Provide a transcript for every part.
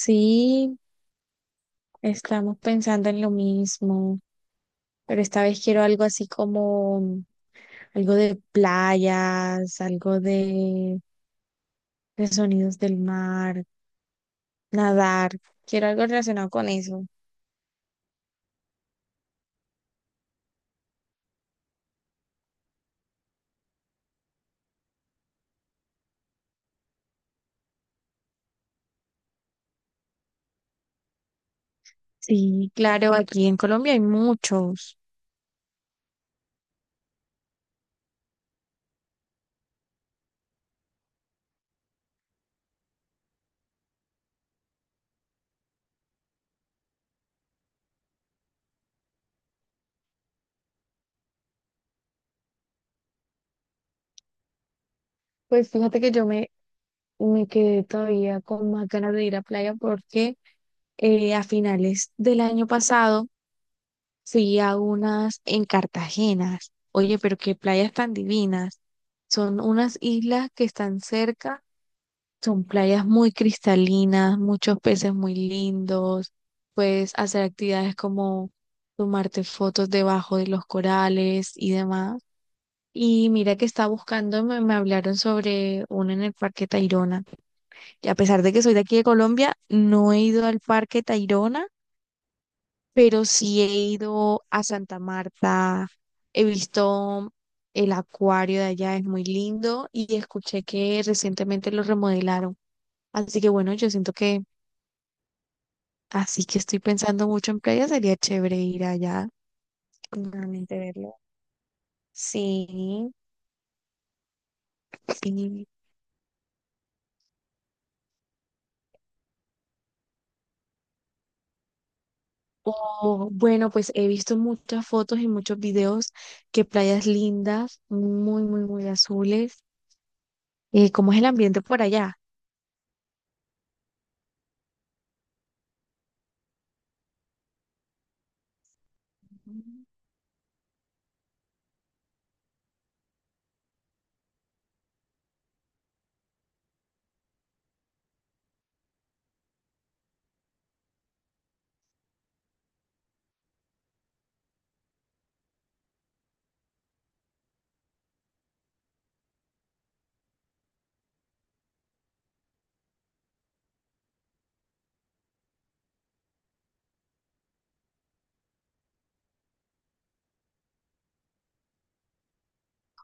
Sí, estamos pensando en lo mismo, pero esta vez quiero algo así como algo de playas, algo de sonidos del mar, nadar. Quiero algo relacionado con eso. Sí, claro, aquí en Colombia hay muchos. Pues fíjate que yo me quedé todavía con más ganas de ir a playa porque a finales del año pasado fui a unas en Cartagena. Oye, pero qué playas tan divinas. Son unas islas que están cerca, son playas muy cristalinas, muchos peces muy lindos. Puedes hacer actividades como tomarte fotos debajo de los corales y demás. Y mira que estaba buscando, me hablaron sobre una en el Parque Tayrona. Y a pesar de que soy de aquí de Colombia, no he ido al Parque Tayrona, pero sí he ido a Santa Marta, he visto el acuario de allá, es muy lindo y escuché que recientemente lo remodelaron. Así que bueno, yo siento que así que estoy pensando mucho en playa, sería chévere ir allá, nuevamente verlo. Sí, sí. O, bueno, pues he visto muchas fotos y muchos videos que playas lindas, muy, muy, muy azules. ¿Cómo es el ambiente por allá?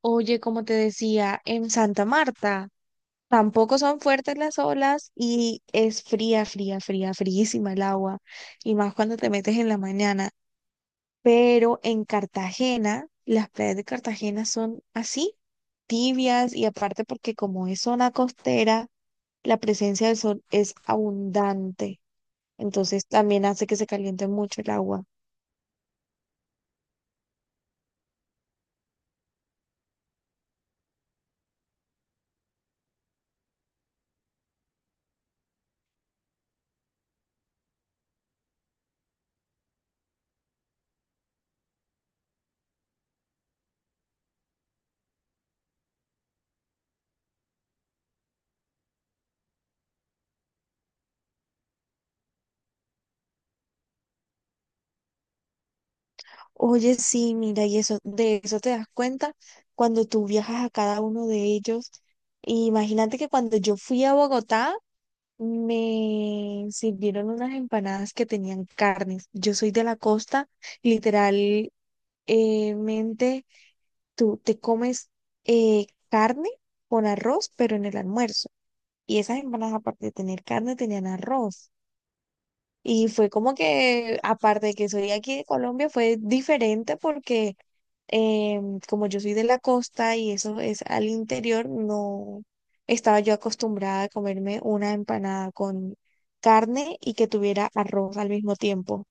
Oye, como te decía, en Santa Marta tampoco son fuertes las olas y es fría, fría, fría, fríísima el agua, y más cuando te metes en la mañana. Pero en Cartagena, las playas de Cartagena son así, tibias, y aparte porque como es zona costera, la presencia del sol es abundante, entonces también hace que se caliente mucho el agua. Oye, sí, mira, y eso, de eso te das cuenta cuando tú viajas a cada uno de ellos. Y imagínate que cuando yo fui a Bogotá, me sirvieron unas empanadas que tenían carnes. Yo soy de la costa, literalmente tú te comes carne con arroz, pero en el almuerzo. Y esas empanadas, aparte de tener carne, tenían arroz. Y fue como que, aparte de que soy aquí de Colombia, fue diferente porque como yo soy de la costa y eso es al interior, no estaba yo acostumbrada a comerme una empanada con carne y que tuviera arroz al mismo tiempo.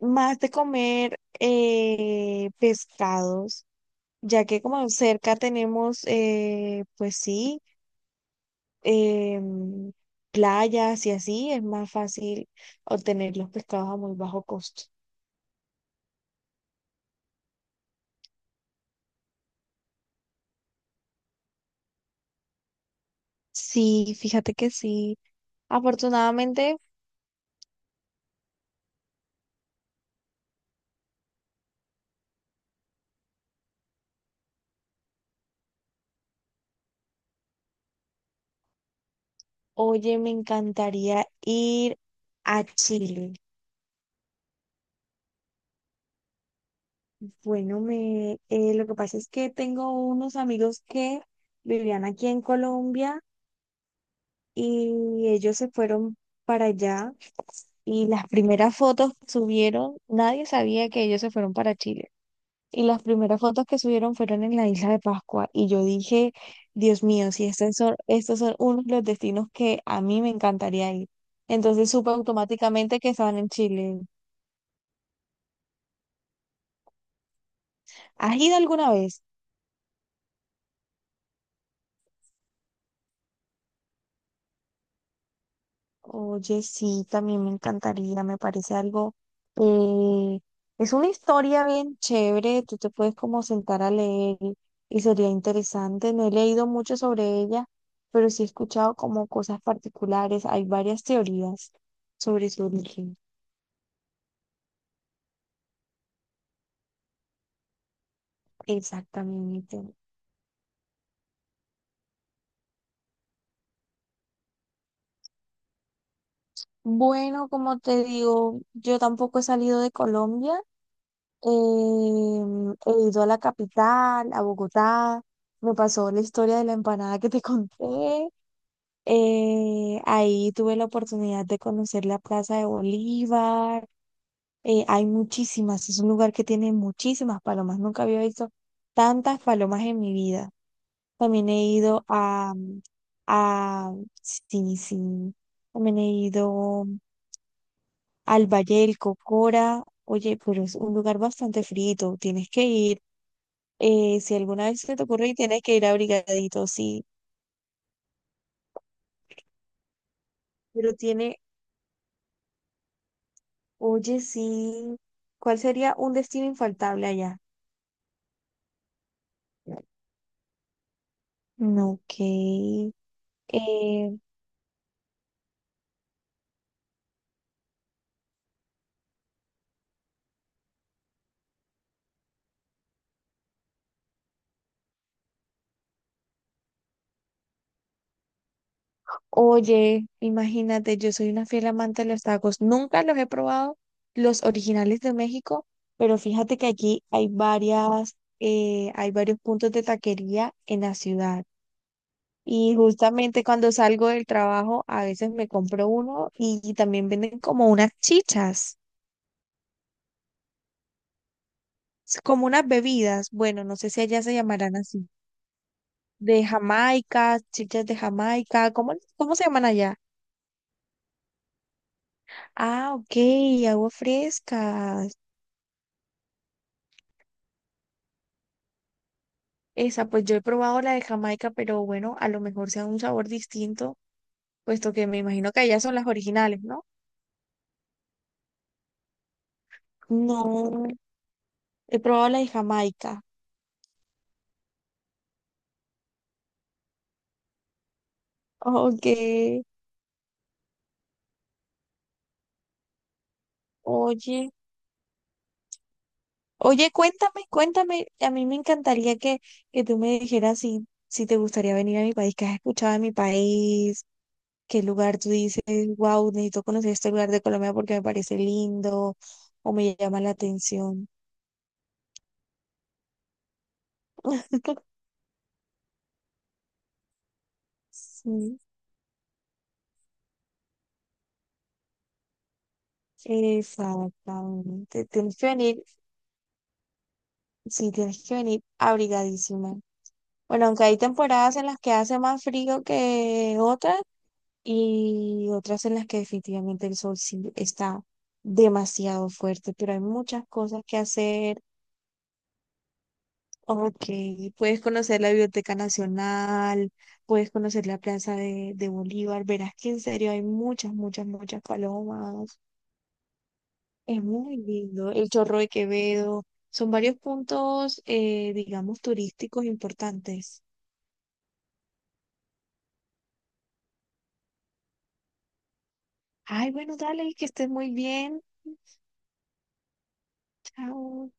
Más de comer pescados, ya que como cerca tenemos, pues sí. em, Playas y así, es más fácil obtener los pescados a muy bajo costo. Sí, fíjate que sí. Afortunadamente, oye, me encantaría ir a Chile. Bueno, me, lo que pasa es que tengo unos amigos que vivían aquí en Colombia y ellos se fueron para allá y las primeras fotos que subieron, nadie sabía que ellos se fueron para Chile. Y las primeras fotos que subieron fueron en la isla de Pascua. Y yo dije, Dios mío, si estos son uno de los destinos que a mí me encantaría ir. Entonces supe automáticamente que estaban en Chile. ¿Has ido alguna vez? Oye, sí, también me encantaría, me parece algo, eh, es una historia bien chévere, tú te puedes como sentar a leer y sería interesante. No he leído mucho sobre ella, pero sí he escuchado como cosas particulares, hay varias teorías sobre su origen. Exactamente. Bueno, como te digo, yo tampoco he salido de Colombia, he ido a la capital, a Bogotá, me pasó la historia de la empanada que te conté. Ahí tuve la oportunidad de conocer la Plaza de Bolívar. Hay muchísimas, es un lugar que tiene muchísimas palomas. Nunca había visto tantas palomas en mi vida. También he ido a, mm, a, sí, sí, también he ido al Valle del Cocora. Oye, pero es un lugar bastante frito, tienes que ir. Si alguna vez se te ocurre, tienes que ir abrigadito, sí. Pero tiene. Oye, sí. ¿Cuál sería un destino infaltable allá? No, ok. Eh, Oye, imagínate, yo soy una fiel amante de los tacos. Nunca los he probado, los originales de México, pero fíjate que aquí hay varias, hay varios puntos de taquería en la ciudad. Y justamente cuando salgo del trabajo, a veces me compro uno y también venden como unas chichas, como unas bebidas. Bueno, no sé si allá se llamarán así. De Jamaica, chichas de Jamaica, ¿cómo, cómo se llaman allá? Ah, ok, agua fresca. Esa, pues yo he probado la de Jamaica, pero bueno, a lo mejor sea un sabor distinto, puesto que me imagino que allá son las originales, ¿no? No, he probado la de Jamaica. Ok, oye, oye, cuéntame, cuéntame, a mí me encantaría que tú me dijeras si, si te gustaría venir a mi país, que has escuchado de mi país, qué lugar tú dices, wow, necesito conocer este lugar de Colombia porque me parece lindo o me llama la atención. Sí, exactamente. Tienes que venir, sí, tienes que venir abrigadísima. Bueno, aunque hay temporadas en las que hace más frío que otras y otras en las que definitivamente el sol sí está demasiado fuerte, pero hay muchas cosas que hacer. Ok, puedes conocer la Biblioteca Nacional, puedes conocer la Plaza de Bolívar, verás que en serio hay muchas, muchas, muchas palomas, es muy lindo, el Chorro de Quevedo, son varios puntos, digamos, turísticos importantes. Ay, bueno, dale, que estés muy bien, chao.